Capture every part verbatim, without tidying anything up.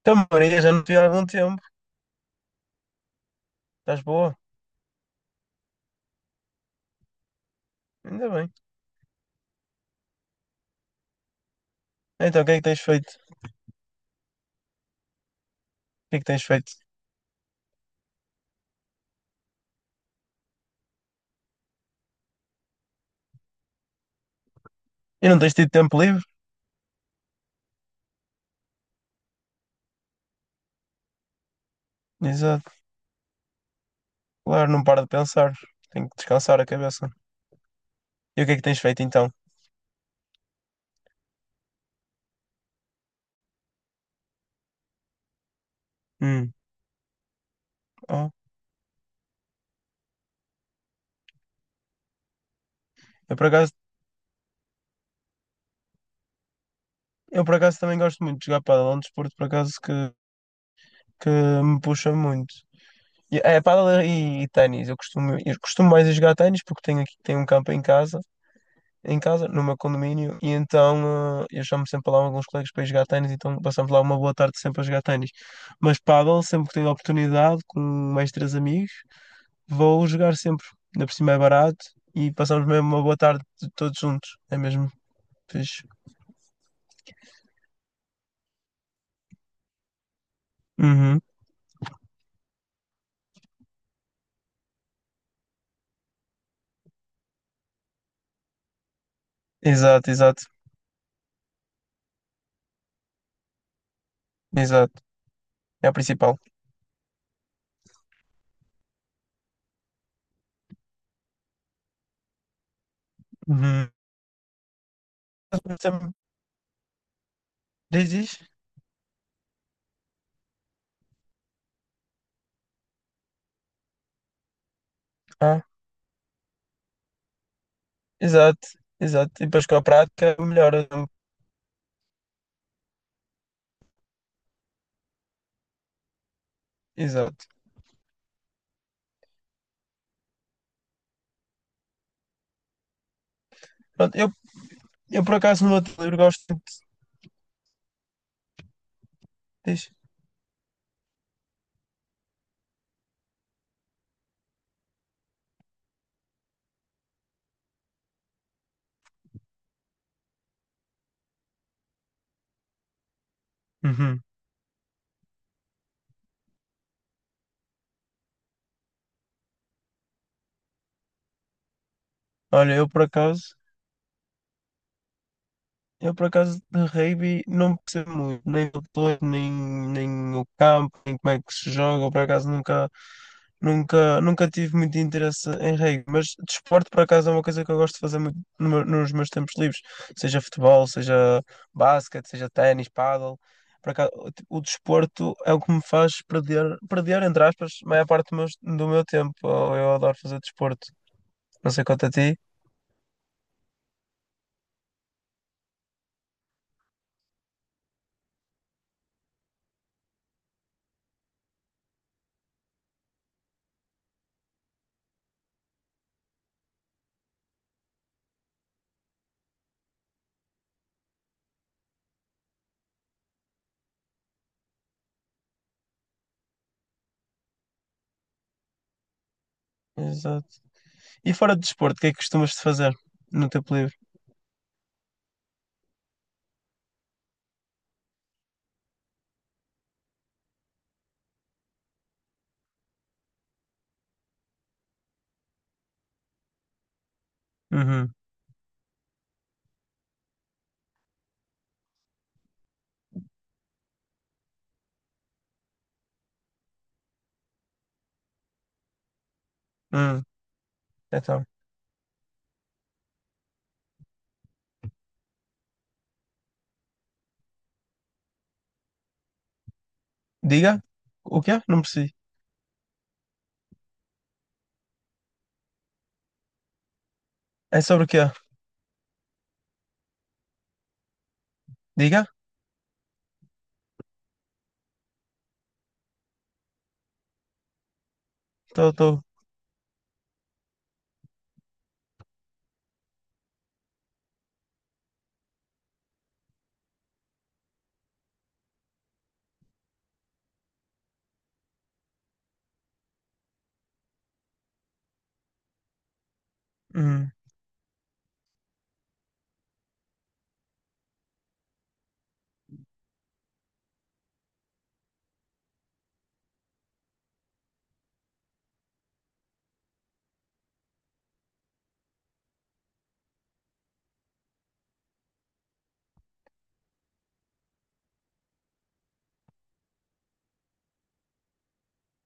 Então, Maria, já não te vi há algum tempo. Estás boa? Ainda bem. Então, o que é que tens feito? O que é que tens feito? E não tens tido tempo livre? Exato. Claro, não paro de pensar. Tenho que descansar a cabeça. E o que é que tens feito então? Hum. Oh. Eu por acaso, eu por acaso também gosto muito de jogar pádel. É um desporto por acaso que, que me puxa muito. E- É, pádel e, e ténis. Eu costumo, eu costumo mais a jogar ténis porque tenho aqui tenho um campo em casa em casa, no meu condomínio, e então eh, eu chamo sempre lá alguns colegas para ir jogar ténis, então passamos lá uma boa tarde sempre a jogar ténis. Mas pádel, sempre que tenho a oportunidade, com mais três amigos, vou jogar sempre. Ainda por cima é barato e passamos mesmo uma boa tarde t- todos juntos. É mesmo fixe. Uhum. Exato, exato, exato. É a principal. Uhum. Sempre- Diz, diz. Ah, exato, exato. E depois com a prática melhora. Exato. Pronto, eu, eu por acaso no outro livro gosto de. Diz. Uhum. Olha, eu por acaso, eu por acaso de rugby não percebo muito, nem o todo, nem, nem o campo, nem como é que se joga, eu por acaso nunca, nunca, nunca tive muito interesse em rugby, mas desporto por acaso é uma coisa que eu gosto de fazer muito no meu- nos meus tempos livres, seja futebol, seja basquete, seja ténis, pádel, por acaso o t- o desporto é o que me faz perder, perder entre aspas, a maior parte do meu, do meu tempo, eu eu adoro fazer desporto, não sei quanto a ti. Exato. E fora de desporto, o que é que costumas de fazer no tempo livre? Uhum. Hum. Então, diga. O quê? Não percebi. É sobre o quê? Diga. Estou, estou. Hum.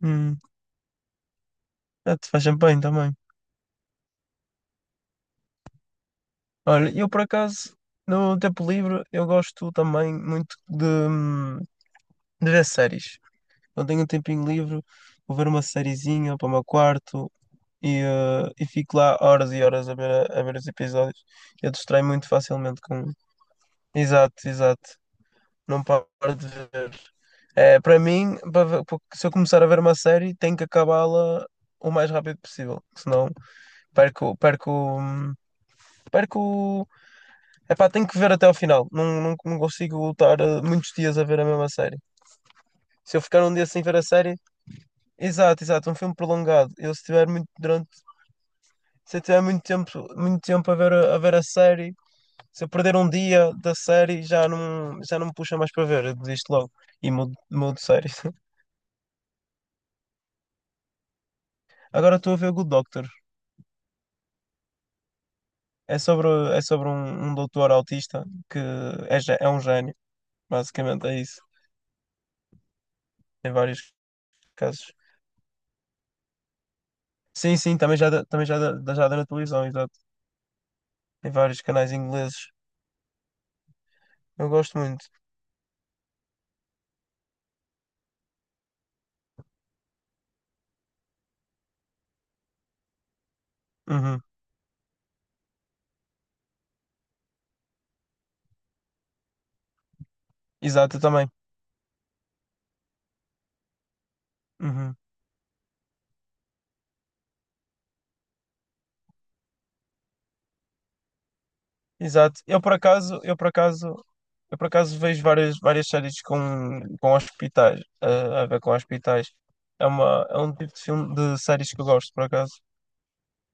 Hum. Ah, tu faz champanhe também. Olha, eu por acaso, no tempo livre, eu gosto também muito de, hum, de ver séries. Quando tenho um tempinho livre, vou ver uma sériezinha para o meu quarto e, eh, e fico lá horas e horas a ver, a, a ver os episódios. Eu distraio muito facilmente com. Exato, exato. Não paro de ver. É, para mim, para ver- para- se eu começar a ver uma série, tenho que acabá-la o mais rápido possível. Senão perco, perco, hum, perco. Epá, tenho que ver até ao final. Não, não, não consigo lutar muitos dias a ver a mesma série. Se eu ficar um dia sem ver a série, exato, exato, um filme prolongado. Eu se tiver muito durante, se eu tiver muito tempo, muito tempo a ver a, a ver a série, se eu perder um dia da série, já não, já não me puxa mais para ver, eu desisto logo e mudo, mudo de série. Agora estou a ver Good Doctor. É sobre, é sobre um, um doutor autista que é, gé- é um gênio, basicamente é isso, em vários casos. Sim, sim, também já dá- também já dá- já dá na televisão, exato, em vários canais ingleses. Eu gosto muito. Uhum. Exato, eu também. Uhum. Exato. Eu por acaso, eu por acaso, eu por acaso vejo várias, várias séries com, com hospitais, eh, a ver com hospitais. É uma, é um tipo de filme de séries que eu gosto, por acaso.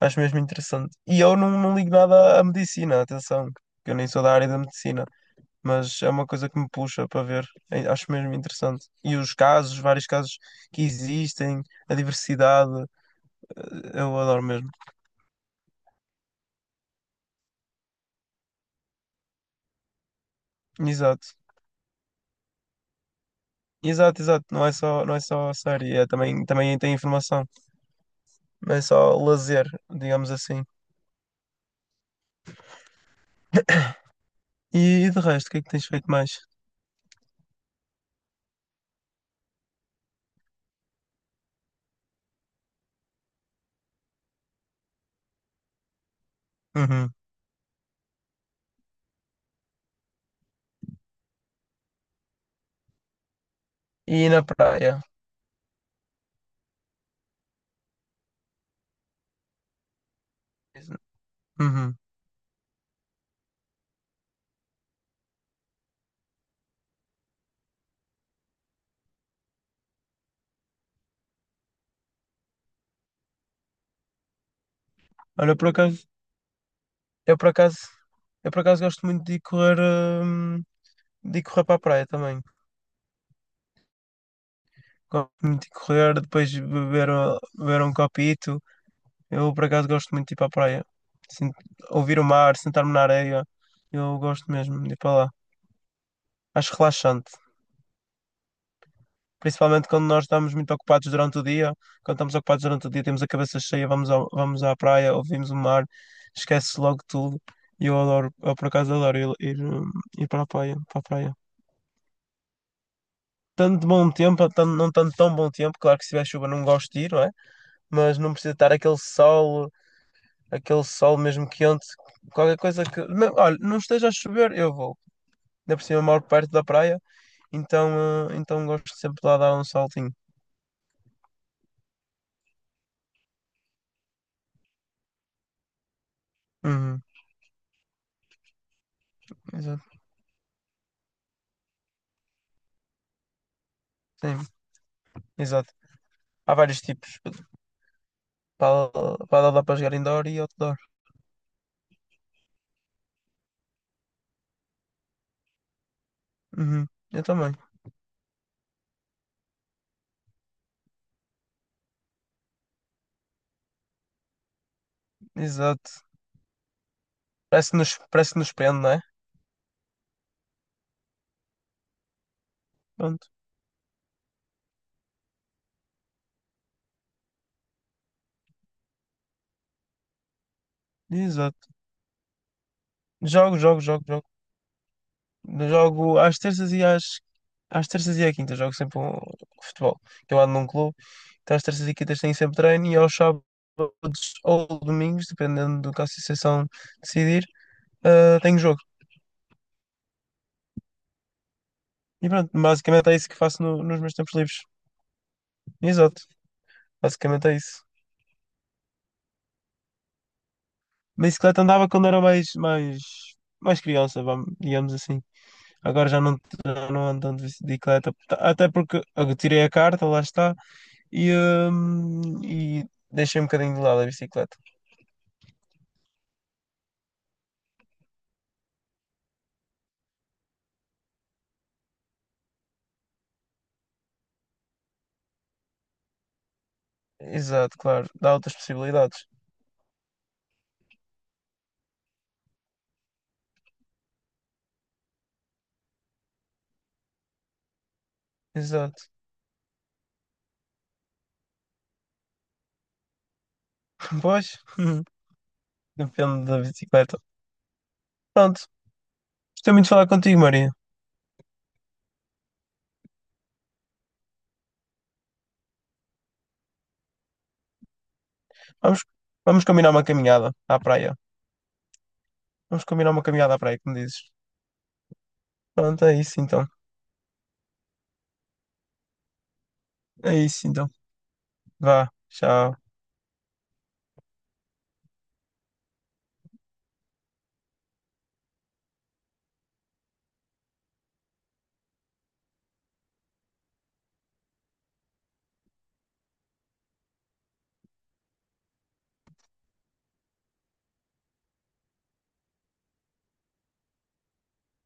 Acho mesmo interessante. E eu não, não ligo nada à medicina, atenção, que eu nem sou da área da medicina, mas é uma coisa que me puxa para ver. Eh, Acho mesmo interessante. E os casos, vários casos que existem, a diversidade, eh, eu adoro mesmo. Exato. Exato, exato. Não é só, não é só a série, é também, também tem informação. Não é só lazer, digamos assim. E, e de resto, o que é que tens feito mais? Uhum. E na praia. Uhum. Olha, por acaso, eu por acaso, eu por acaso gosto muito de ir correr, hum, de ir correr para a praia também. Gosto muito de correr, depois beber, uh, beber um copito. Eu por acaso gosto muito de ir para a praia. Sin- ouvir o mar, sentar-me na areia. Eu gosto mesmo de ir para lá. Acho relaxante. Principalmente quando nós estamos muito ocupados durante o dia. Quando estamos ocupados durante o dia, temos a cabeça cheia, vamos, ao, vamos à praia, ouvimos o mar, esquece-se logo tudo. E eu adoro, eu por acaso adoro ir, ir, hum, ir para a praia, para a praia. Tanto de bom tempo, tanto, não tanto de tão bom tempo, claro que se tiver chuva não gosto de ir, não é? Mas não precisa estar aquele sol, aquele sol mesmo quente, qualquer coisa que. me- olha, não esteja a chover, eu vou. Ainda por cima eu moro perto da praia, então, eh, então gosto sempre de lá dar um saltinho. Uhum, exato, sim, exato. Há vários tipos. Para para dar para jogar indoor e outdoor. Uhum. Eu também. Exato. Parece que nos, parece que nos prende, não é? Pronto. Exato. Jogo, jogo, jogo, jogo. Jogo às terças e às. Às terças e à quinta jogo sempre um futebol. Que eu ando num clube. Então às terças e quintas tenho sempre treino e aos sábados ou domingos, dependendo do que a associação decidir, ah, tenho jogo. E pronto, basicamente é isso que faço no- nos meus tempos livres. Exato. Basicamente é isso. Bicicleta andava quando era mais, mais, mais criança, vamos, digamos assim. Agora já não, já não ando de bicicleta, tá- até porque eu tirei a carta, lá está, e, hum, e deixei um bocadinho de lado a bicicleta. Exato, claro, dá outras possibilidades. Exato. Pois, depende da bicicleta. Pronto, gostei muito de falar contigo, Maria. Vamos, vamos combinar uma caminhada à praia. Vamos combinar uma caminhada à praia, como dizes. Pronto, é isso então. É isso então. Vá, tchau.